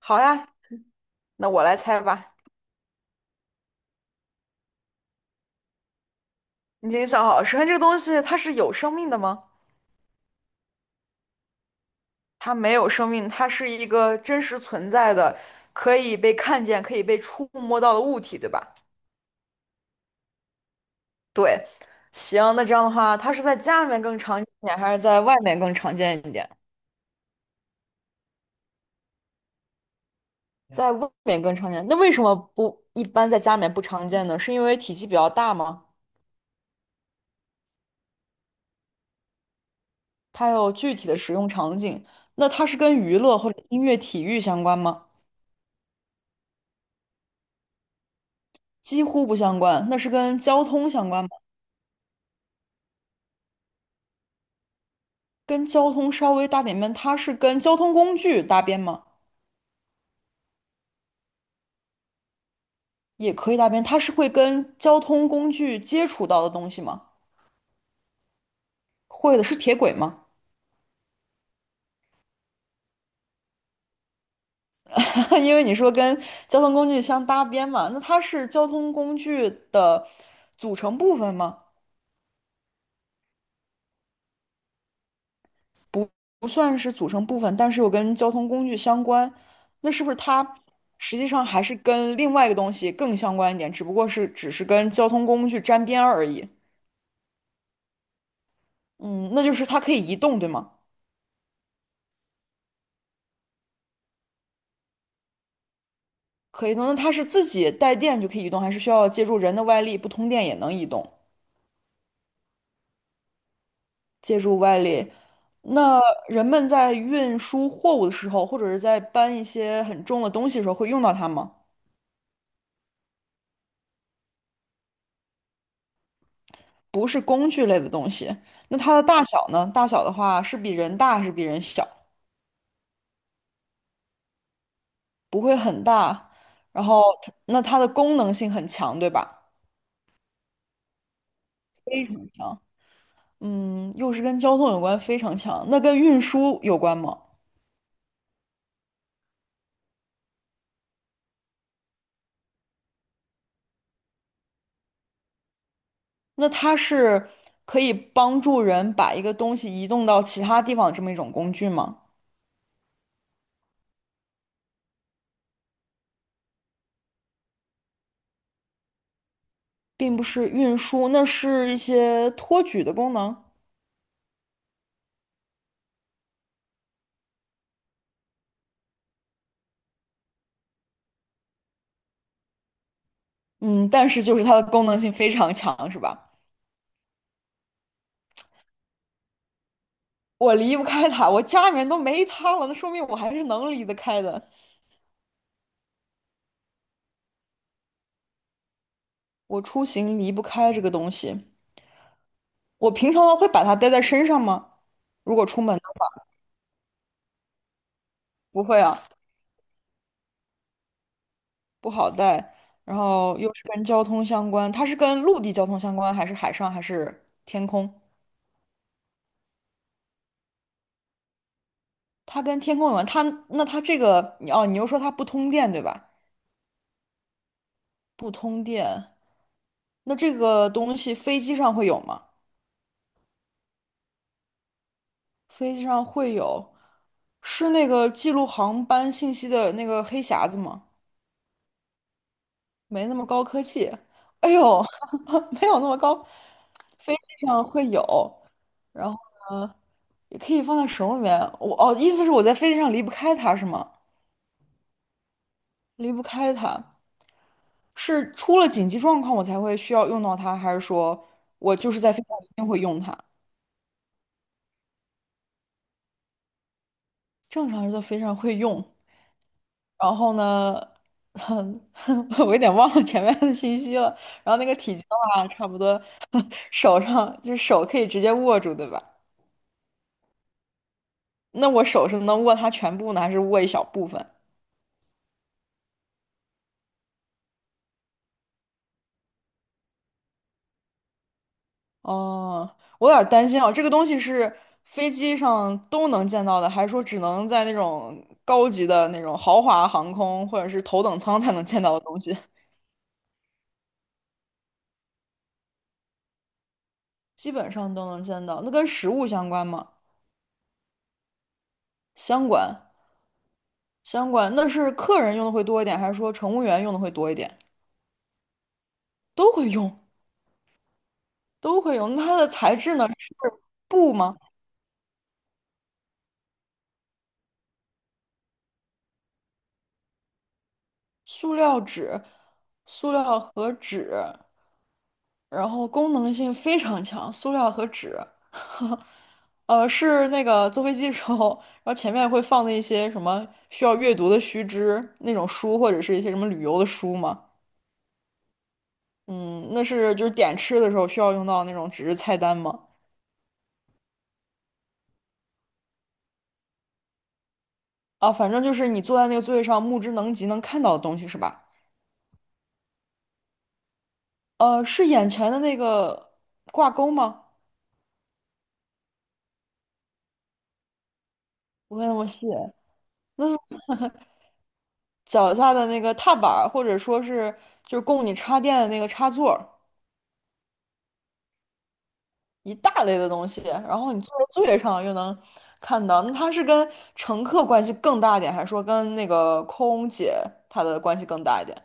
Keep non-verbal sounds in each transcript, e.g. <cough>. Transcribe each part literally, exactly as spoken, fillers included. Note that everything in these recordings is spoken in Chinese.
好呀，那我来猜吧。你已经想好，首先这个东西它是有生命的吗？它没有生命，它是一个真实存在的，可以被看见、可以被触摸到的物体，对吧？对，行，那这样的话，它是在家里面更常见一点，还是在外面更常见一点？在外面更常见，那为什么不一般在家里面不常见呢？是因为体积比较大吗？它有具体的使用场景。那它是跟娱乐或者音乐、体育相关吗？几乎不相关。那是跟交通相关吗？跟交通稍微搭点边，它是跟交通工具搭边吗？也可以搭边，它是会跟交通工具接触到的东西吗？会的，是铁轨吗？<laughs> 因为你说跟交通工具相搭边嘛，那它是交通工具的组成部分吗？不，不算是组成部分，但是又跟交通工具相关，那是不是它实际上还是跟另外一个东西更相关一点，只不过是只是跟交通工具沾边而已？嗯，那就是它可以移动，对吗？可移动，那它是自己带电就可以移动，还是需要借助人的外力，不通电也能移动？借助外力，那人们在运输货物的时候，或者是在搬一些很重的东西的时候，会用到它吗？不是工具类的东西，那它的大小呢？大小的话是比人大还是比人小？不会很大，然后它那它的功能性很强，对吧？非常强。嗯，又是跟交通有关，非常强。那跟运输有关吗？那它是可以帮助人把一个东西移动到其他地方的这么一种工具吗？并不是运输，那是一些托举的功能。嗯，但是就是它的功能性非常强，是吧？我离不开它，我家里面都没它了，那说明我还是能离得开的。我出行离不开这个东西，我平常会把它带在身上吗？如果出门的话，不会啊，不好带。然后又是跟交通相关，它是跟陆地交通相关，还是海上，还是天空？它跟天空有关，它那它这个你哦，你又说它不通电对吧？不通电，那这个东西飞机上会有吗？飞机上会有，是那个记录航班信息的那个黑匣子吗？没那么高科技，哎呦，<laughs> 没有那么高，飞机上会有，然后呢，也可以放在手里面。我哦，意思是我在飞机上离不开它是吗？离不开它。是出了紧急状况我才会需要用到它，还是说我就是在飞机上一定会用它？正常人都非常会用。然后呢，哼，<laughs> 我有点忘了前面的信息了。然后那个体积的话，差不多 <laughs> 手上就是手可以直接握住，对吧？那我手是能握它全部呢，还是握一小部分？哦，我有点儿担心啊，这个东西是飞机上都能见到的，还是说只能在那种高级的那种豪华航空或者是头等舱才能见到的东西？<laughs> 基本上都能见到。那跟食物相关吗？相关，相关。那是客人用的会多一点，还是说乘务员用的会多一点？都会用，都会用。那它的材质呢？是布吗？塑料纸、塑料和纸。然后功能性非常强，塑料和纸，<laughs> 呃，是那个坐飞机的时候，然后前面会放的一些什么需要阅读的须知那种书，或者是一些什么旅游的书嘛。嗯，那是就是点吃的时候需要用到那种纸质菜单嘛。啊，反正就是你坐在那个座位上，目之能及能看到的东西是吧？呃，是眼前的那个挂钩吗？不会那么细，脚下的那个踏板儿，或者说是就是供你插电的那个插座。一大类的东西，然后你坐在座位上又能看到，那它是跟乘客关系更大一点，还是说跟那个空姐她的关系更大一点？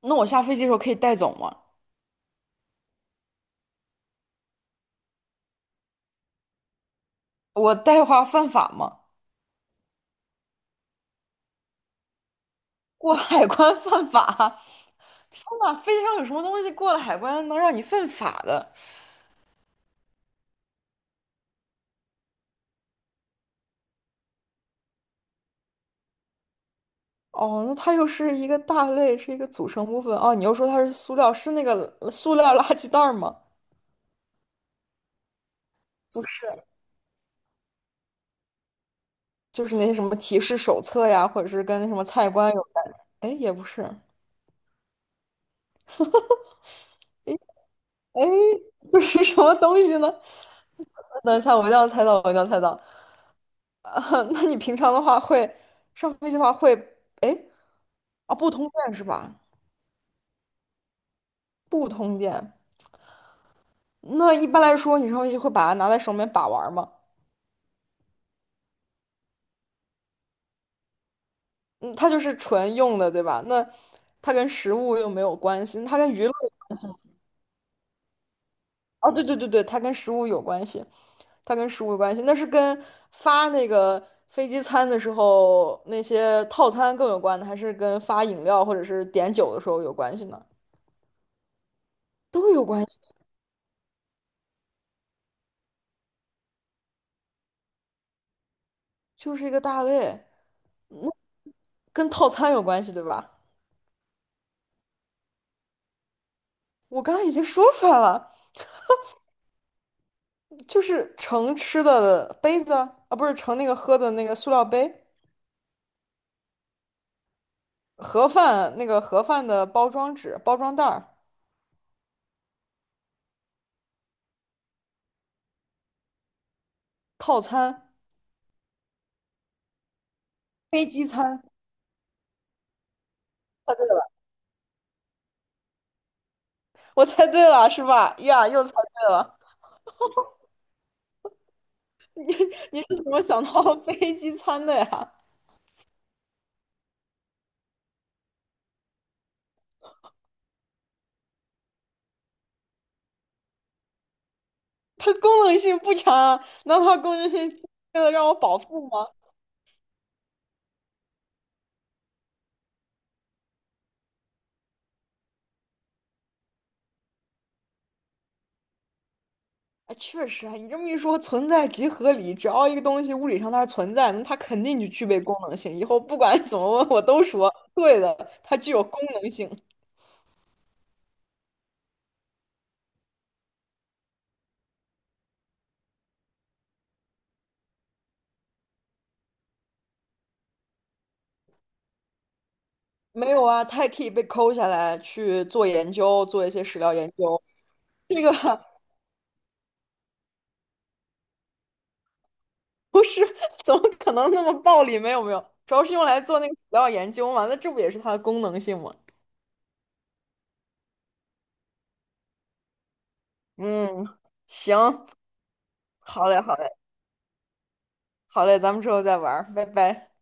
那我下飞机的时候可以带走吗？我带话犯法吗？过海关犯法？天呐，飞机上有什么东西过了海关能让你犯法的？哦，那它又是一个大类，是一个组成部分。哦，你又说它是塑料，是那个塑料垃圾袋儿吗？不是。就是那些什么提示手册呀，或者是跟什么菜单有关，哎，也不是，哎，<laughs> 就是什么东西呢？等一下，我一定要猜到，我一定要猜到。啊，<laughs> 那你平常的话会上飞机的话会，哎，啊，不通电是吧？不通电，那一般来说你上飞机会把它拿在手里面把玩儿吗？嗯，它就是纯用的，对吧？那它跟食物又没有关系，那它跟娱乐，哦，对对对对，它跟食物有关系。它跟食物有关系，那是跟发那个飞机餐的时候那些套餐更有关的，还是跟发饮料或者是点酒的时候有关系呢？都有关系，就是一个大类。那跟套餐有关系，对吧？我刚刚已经说出来了，就是盛吃的杯子啊，啊不是盛那个喝的那个塑料杯，盒饭那个盒饭的包装纸、包装袋儿，套餐、飞机餐。<laughs> 我猜对了，是吧？呀，又猜对了。<laughs> 你你是怎么想到飞机餐的呀？它功能性不强啊，难道它功能性为了让我饱腹吗？哎，确实啊，你这么一说，存在即合理。只要一个东西物理上它是存在，那它肯定就具备功能性。以后不管 <laughs> 怎么问，我都说对的，它具有功能性。没有啊，它也可以被抠下来去做研究，做一些史料研究。这个 <laughs> 不是，怎么可能那么暴力？没有没有，主要是用来做那个史料研究嘛。那这不也是它的功能性吗？嗯，行，好嘞，好嘞，好嘞，咱们之后再玩儿，拜拜。